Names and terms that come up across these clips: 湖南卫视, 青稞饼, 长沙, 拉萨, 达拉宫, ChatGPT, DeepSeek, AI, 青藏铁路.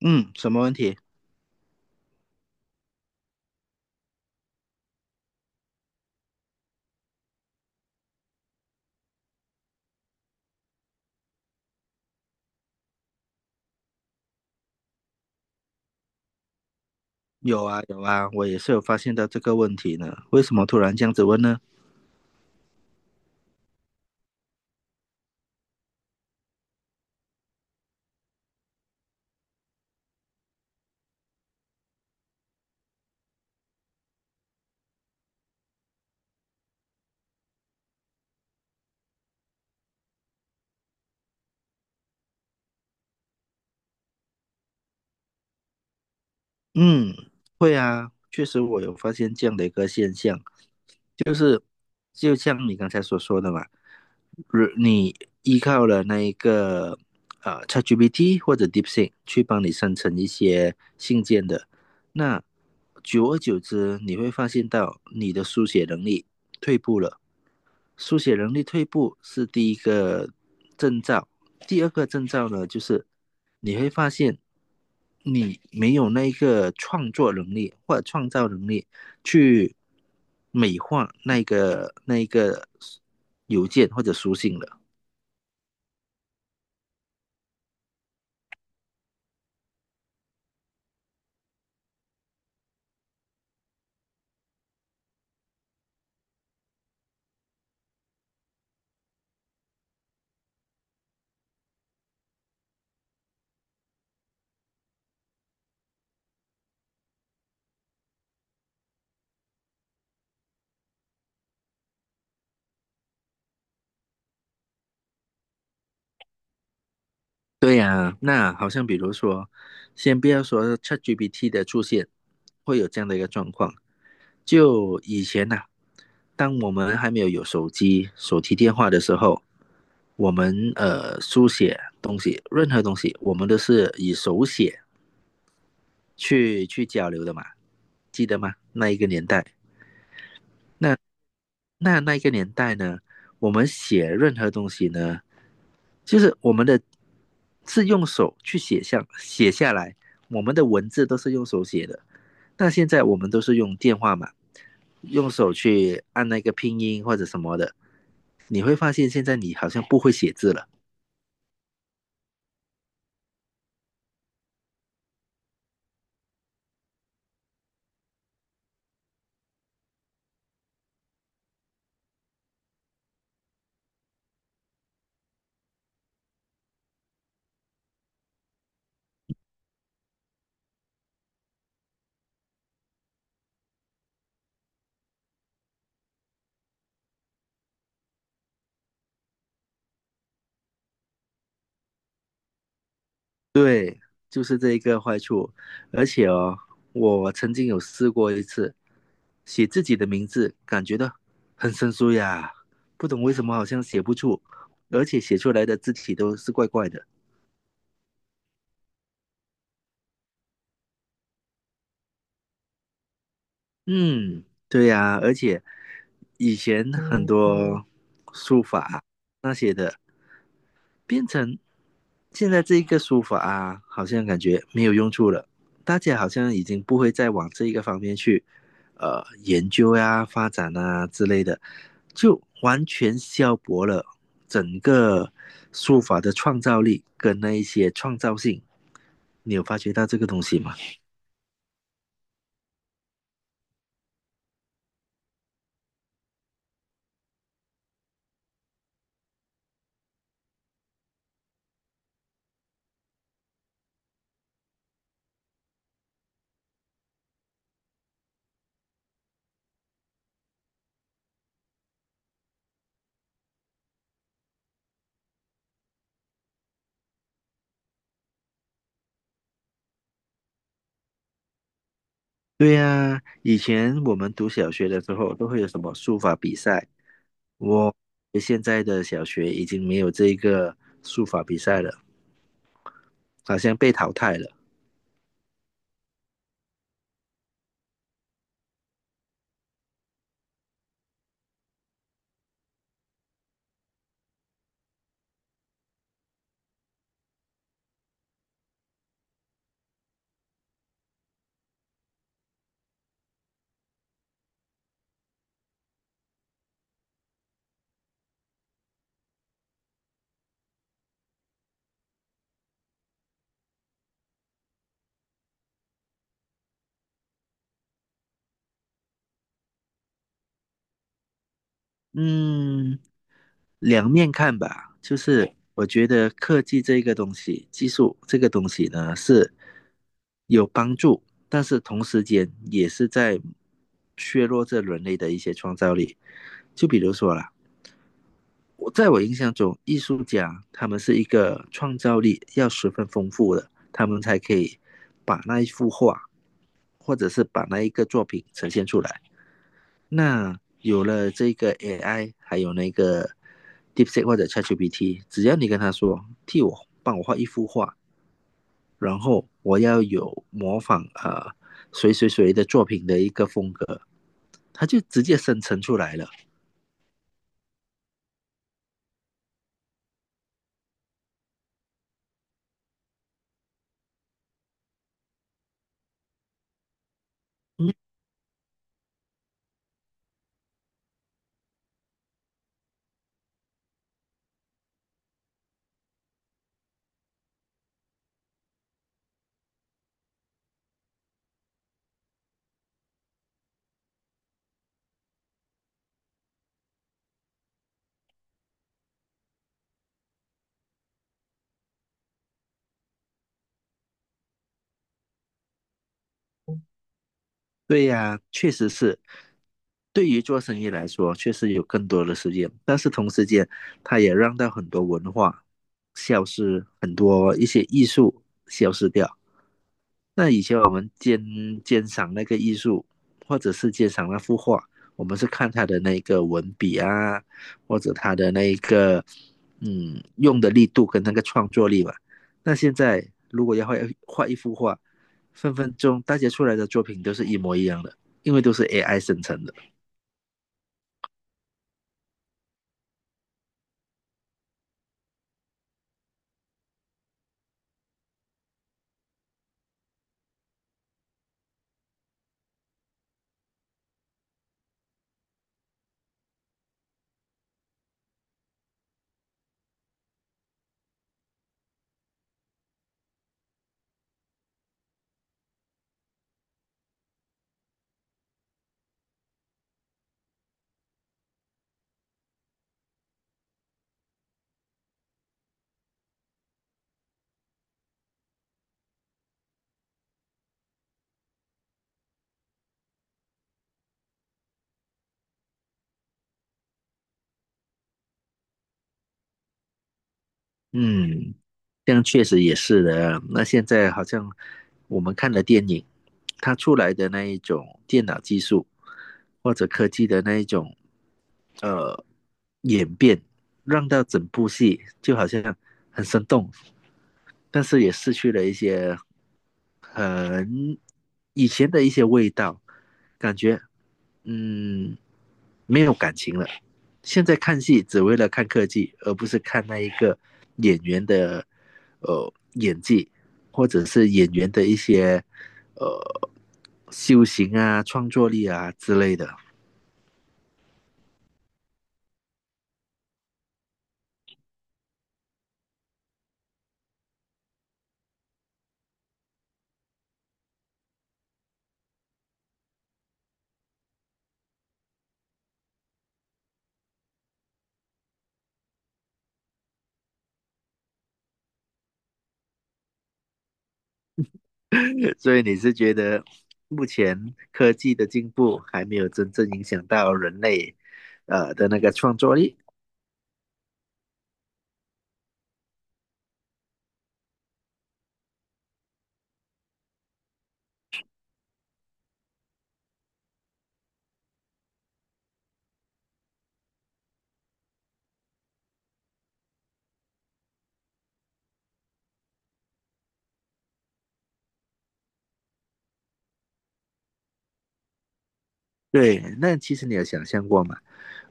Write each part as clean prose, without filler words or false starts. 嗯，什么问题？有啊，有啊，我也是有发现到这个问题呢。为什么突然这样子问呢？嗯，会啊，确实我有发现这样的一个现象，就像你刚才所说的嘛，如你依靠了那一个ChatGPT 或者 DeepSeek 去帮你生成一些信件的，那久而久之，你会发现到你的书写能力退步了。书写能力退步是第一个征兆，第二个征兆呢，就是你会发现你没有那个创作能力或者创造能力去美化那个邮件或者书信了。对呀，那好像比如说，先不要说 ChatGPT 的出现会有这样的一个状况，就以前呐、当我们还没有手机、手提电话的时候，我们书写东西，任何东西，我们都是以手写去交流的嘛，记得吗？那一个年代，那那一个年代呢，我们写任何东西呢，就是我们的是用手去写下来，我们的文字都是用手写的。那现在我们都是用电话嘛，用手去按那个拼音或者什么的，你会发现现在你好像不会写字了。对，就是这一个坏处。而且哦，我曾经有试过一次，写自己的名字，感觉到很生疏呀，不懂为什么好像写不出，而且写出来的字体都是怪怪的。嗯，对呀，而且以前很多书法啊那些的，变成现在这一个书法啊，好像感觉没有用处了，大家好像已经不会再往这一个方面去研究呀、发展啊之类的，就完全消薄了整个书法的创造力跟那一些创造性。你有发觉到这个东西吗？对呀、以前我们读小学的时候都会有什么书法比赛，我现在的小学已经没有这个书法比赛了。好像被淘汰了。嗯，两面看吧，就是我觉得科技这个东西，技术这个东西呢是有帮助，但是同时间也是在削弱这人类的一些创造力。就比如说啦，我在我印象中，艺术家他们是一个创造力要十分丰富的，他们才可以把那一幅画，或者是把那一个作品呈现出来。那有了这个 AI，还有那个 DeepSeek 或者 ChatGPT，只要你跟他说替我帮我画一幅画，然后我要有模仿谁谁谁的作品的一个风格，他就直接生成出来了。嗯，对呀、啊确实是。对于做生意来说，确实有更多的时间，但是同时间，它也让到很多文化消失，很多一些艺术消失掉。那以前我们鉴赏那个艺术，或者是鉴赏那幅画，我们是看他的那个文笔啊，或者他的那个用的力度跟那个创作力吧。那现在如果要画一幅画，分分钟大家出来的作品都是一模一样的，因为都是 AI 生成的。嗯，这样确实也是的啊，那现在好像我们看的电影，它出来的那一种电脑技术或者科技的那一种呃演变，让到整部戏就好像很生动，但是也失去了一些很以前的一些味道，感觉嗯，没有感情了。现在看戏只为了看科技，而不是看那一个演员的演技，或者是演员的一些呃修行啊、创作力啊之类的。所以你是觉得目前科技的进步还没有真正影响到人类的那个创作力？对，那其实你有想象过吗？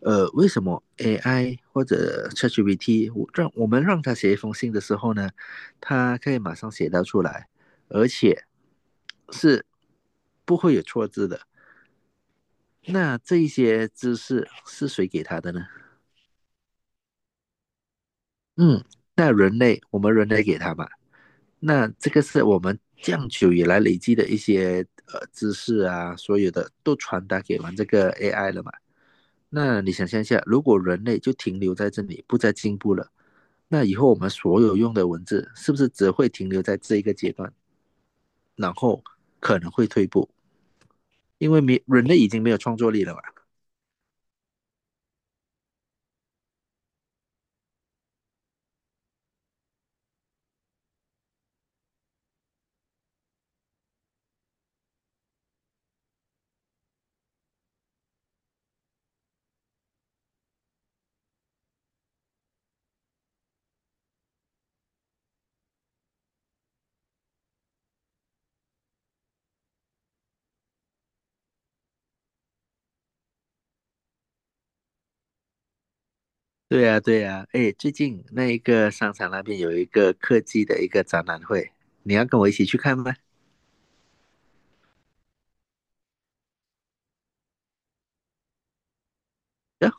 呃，为什么 AI 或者 ChatGPT 我让我们让它写一封信的时候呢，它可以马上写到出来，而且是不会有错字的。那这一些知识是谁给他的呢？嗯，那人类，我们人类给他嘛。那这个是我们这样久以来累积的一些知识啊，所有的都传达给完这个 AI 了嘛。那你想象一下，如果人类就停留在这里，不再进步了，那以后我们所有用的文字是不是只会停留在这一个阶段，然后可能会退步，因为没人类已经没有创作力了嘛？对呀、对呀、哎，最近那一个商场那边有一个科技的一个展览会，你要跟我一起去看吗？啊，